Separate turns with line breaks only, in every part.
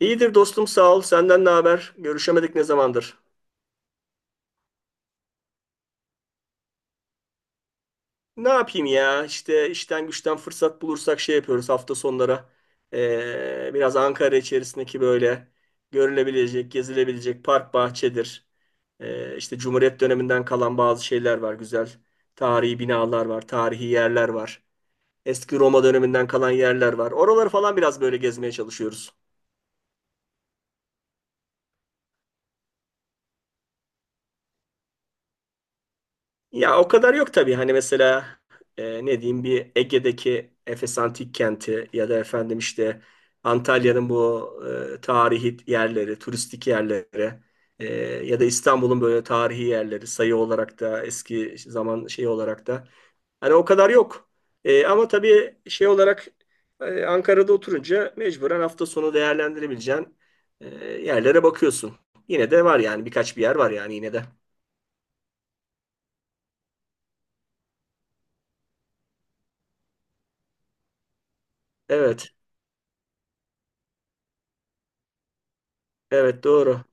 İyidir dostum, sağ ol. Senden ne haber? Görüşemedik ne zamandır? Ne yapayım ya? İşte işten güçten fırsat bulursak şey yapıyoruz hafta sonları. Biraz Ankara içerisindeki böyle görülebilecek, gezilebilecek park bahçedir. İşte Cumhuriyet döneminden kalan bazı şeyler var. Güzel tarihi binalar var, tarihi yerler var. Eski Roma döneminden kalan yerler var. Oraları falan biraz böyle gezmeye çalışıyoruz. Ya o kadar yok tabii. Hani mesela ne diyeyim, bir Ege'deki Efes Antik Kenti ya da efendim işte Antalya'nın bu tarihi yerleri, turistik yerleri, e, ya da İstanbul'un böyle tarihi yerleri, sayı olarak da eski zaman şey olarak da hani o kadar yok. Ama tabii şey olarak Ankara'da oturunca mecburen hafta sonu değerlendirebileceğin yerlere bakıyorsun. Yine de var yani, birkaç bir yer var yani, yine de. Evet, evet, doğru.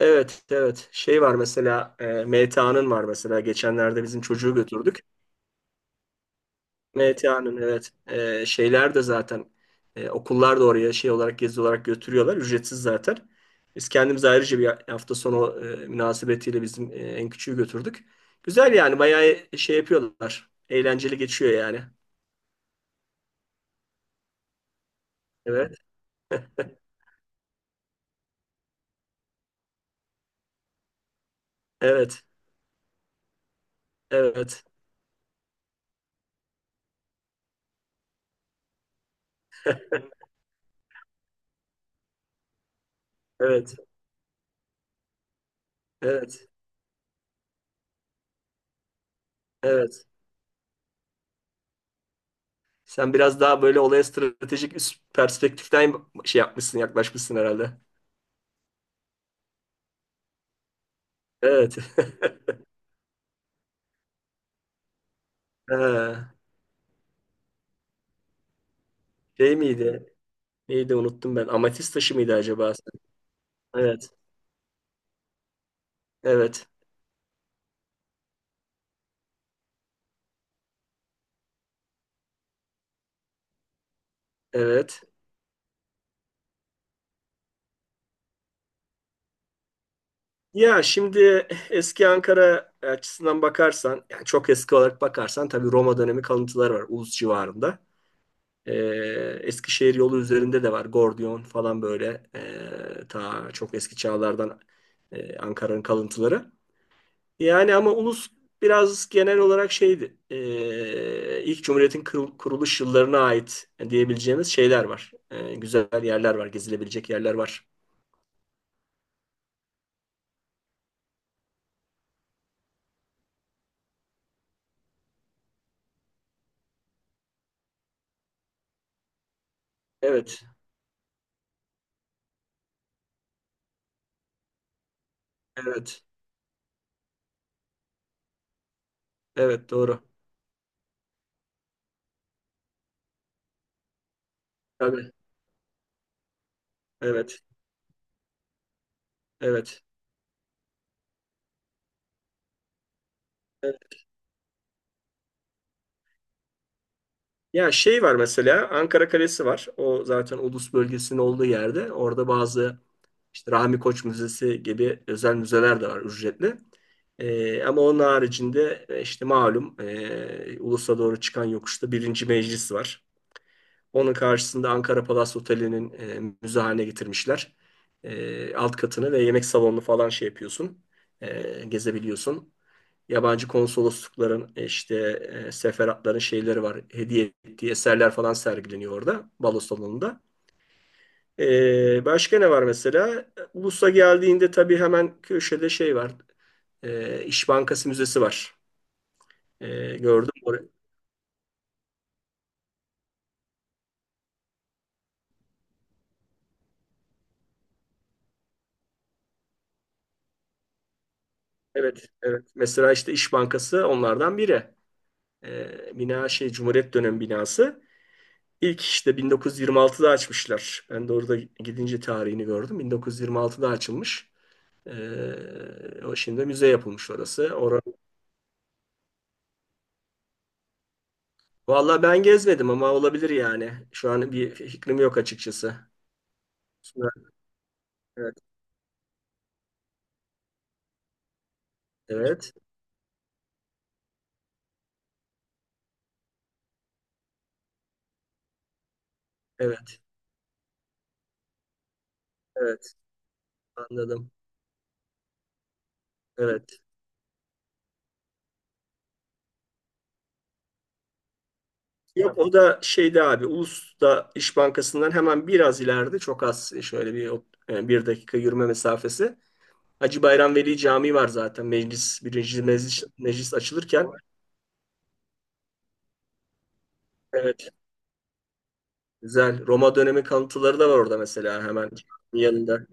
Evet, evet. Şey var mesela, MTA'nın var mesela. Geçenlerde bizim çocuğu götürdük. MTA'nın, evet. Şeyler de zaten okullar da oraya şey olarak, gezi olarak götürüyorlar. Ücretsiz zaten. Biz kendimiz ayrıca bir hafta sonu münasebetiyle bizim en küçüğü götürdük. Güzel yani, bayağı şey yapıyorlar. Eğlenceli geçiyor yani. Evet, evet, evet, evet, evet, evet. Sen biraz daha böyle olaya stratejik üst perspektiften şey yapmışsın, yaklaşmışsın herhalde. Evet. Ha, şey miydi? Neydi, unuttum ben. Amatist taşı mıydı acaba? Evet. Evet. Evet. Ya şimdi eski Ankara açısından bakarsan, yani çok eski olarak bakarsan, tabii Roma dönemi kalıntılar var Ulus civarında. Ee, Eskişehir yolu üzerinde de var. Gordiyon falan, böyle ta çok eski çağlardan Ankara'nın kalıntıları. Yani ama ulus biraz genel olarak şeydi. İlk Cumhuriyet'in kuruluş yıllarına ait diyebileceğimiz şeyler var. Güzel yerler var, gezilebilecek yerler var. Evet, evet, evet, doğru. Tabii, evet, evet. Evet. Ya şey var mesela, Ankara Kalesi var. O zaten ulus bölgesinin olduğu yerde. Orada bazı İşte Rahmi Koç Müzesi gibi özel müzeler de var, ücretli. Ama onun haricinde işte malum, Ulus'a doğru çıkan yokuşta birinci meclis var. Onun karşısında Ankara Palas Oteli'nin müze haline getirmişler. E, alt katını ve yemek salonunu falan şey yapıyorsun, gezebiliyorsun. Yabancı konsoloslukların işte seferatların şeyleri var. Hediye ettiği eserler falan sergileniyor orada balo salonunda. Başka ne var mesela? Ulus'a geldiğinde tabii hemen köşede şey var. İş Bankası Müzesi var. Gördüm orayı. Evet, evet. Mesela işte İş Bankası onlardan biri. Bina şey, Cumhuriyet dönemi binası. İlk işte 1926'da açmışlar. Ben de orada gidince tarihini gördüm. 1926'da açılmış. O şimdi müze yapılmış orası. Orada. Vallahi ben gezmedim ama olabilir yani. Şu an bir fikrim yok açıkçası. Evet, evet. Evet, evet, anladım. Evet. Yok, tamam. O da şeyde abi, Ulus'ta İş Bankası'ndan hemen biraz ileride, çok az şöyle bir bir dakika yürüme mesafesi. Hacı Bayram Veli Camii var zaten, meclis, birinci meclis, meclis açılırken. Evet, güzel Roma dönemi kalıntıları da var orada mesela, hemen yanında.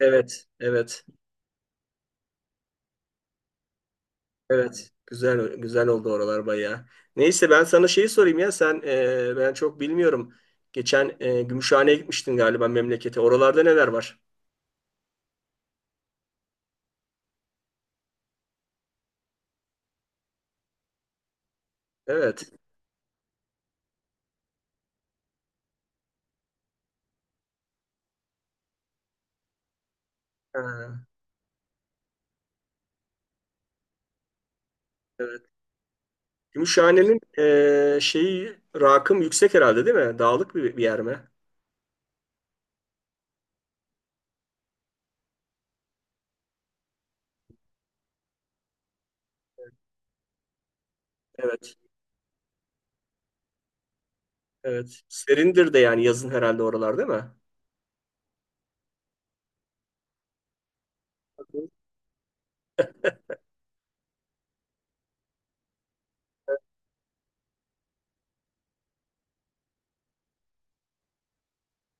Evet, evet, evet, güzel, güzel oldu oralar bayağı. Neyse, ben sana şeyi sorayım ya, sen ben çok bilmiyorum. Geçen Gümüşhane'ye gitmiştin galiba, memlekete. Oralarda neler var? Evet. Ha, evet. Gümüşhane'nin şeyi, rakım yüksek herhalde değil mi? Dağlık bir yer mi? Evet. Evet. Serindir de yani yazın herhalde oralar, değil mi?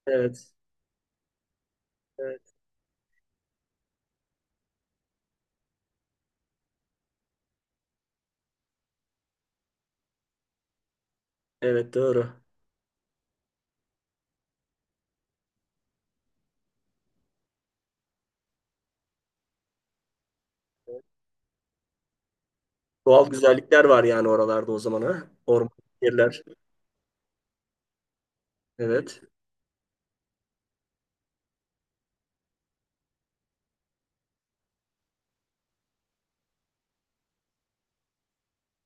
Evet. Evet. Evet, doğru. Doğal güzellikler var yani oralarda o zaman, ha. Orman yerler. Evet.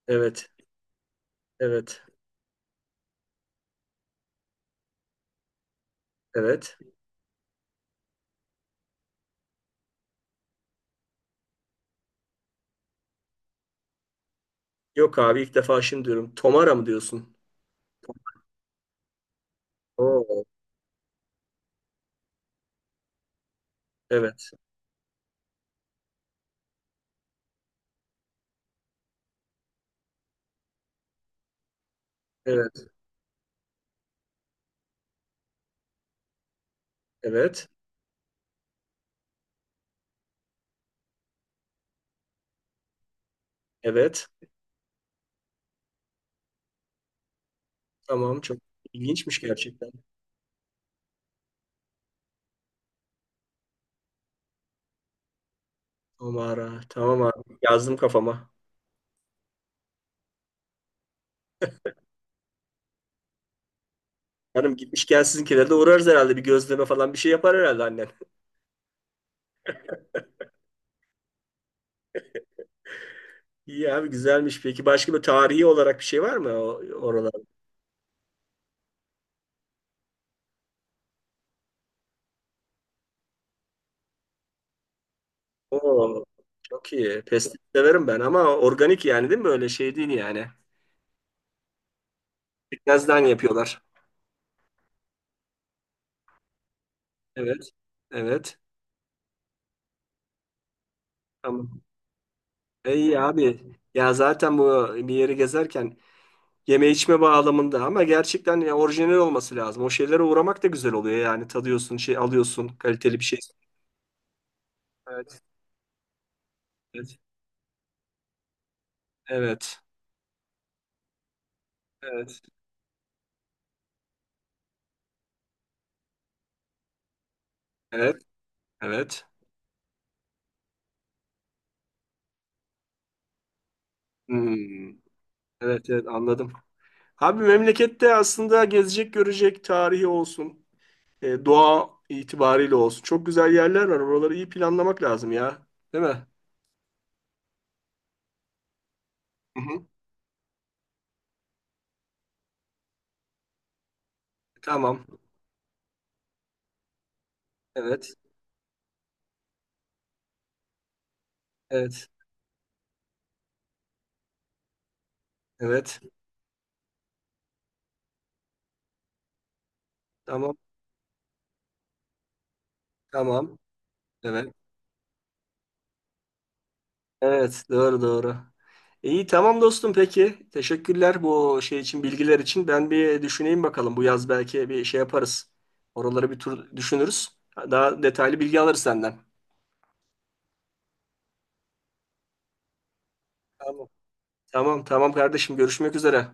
Evet. Evet. Evet. Yok abi, ilk defa şimdi diyorum. Tomara mı diyorsun? Oo. Evet. Evet. Evet. Evet. Tamam, çok ilginçmiş gerçekten. O mağara. Tamam abi. Yazdım kafama. Hanım gitmişken sizinkilere de uğrarız herhalde. Bir gözleme falan bir şey yapar herhalde annen. İyi abi, güzelmiş. Peki başka bir tarihi olarak bir şey var mı o- oralarda? Oo, çok iyi. Pestil severim ben, ama organik yani, değil mi? Öyle şey değil yani. Pekmezden yapıyorlar. Evet. Evet. Tamam. İyi abi. Ya zaten bu, bir yeri gezerken yeme içme bağlamında, ama gerçekten ya, orijinal olması lazım. O şeylere uğramak da güzel oluyor yani. Tadıyorsun, şey alıyorsun, kaliteli bir şey. Evet. Evet. Evet. Evet. Evet. Evet. Hmm. Evet, evet, anladım. Abi memlekette aslında gezecek, görecek, tarihi olsun, doğa itibariyle olsun, çok güzel yerler var. Oraları iyi planlamak lazım ya. Değil mi? Hı hı. Tamam. Evet. Evet. Evet. Tamam. Tamam. Evet. Evet, doğru, doğru. İyi tamam dostum, peki. Teşekkürler bu şey için, bilgiler için. Ben bir düşüneyim bakalım. Bu yaz belki bir şey yaparız. Oraları bir tur düşünürüz. Daha detaylı bilgi alırız senden. Tamam. Tamam, tamam kardeşim, görüşmek üzere.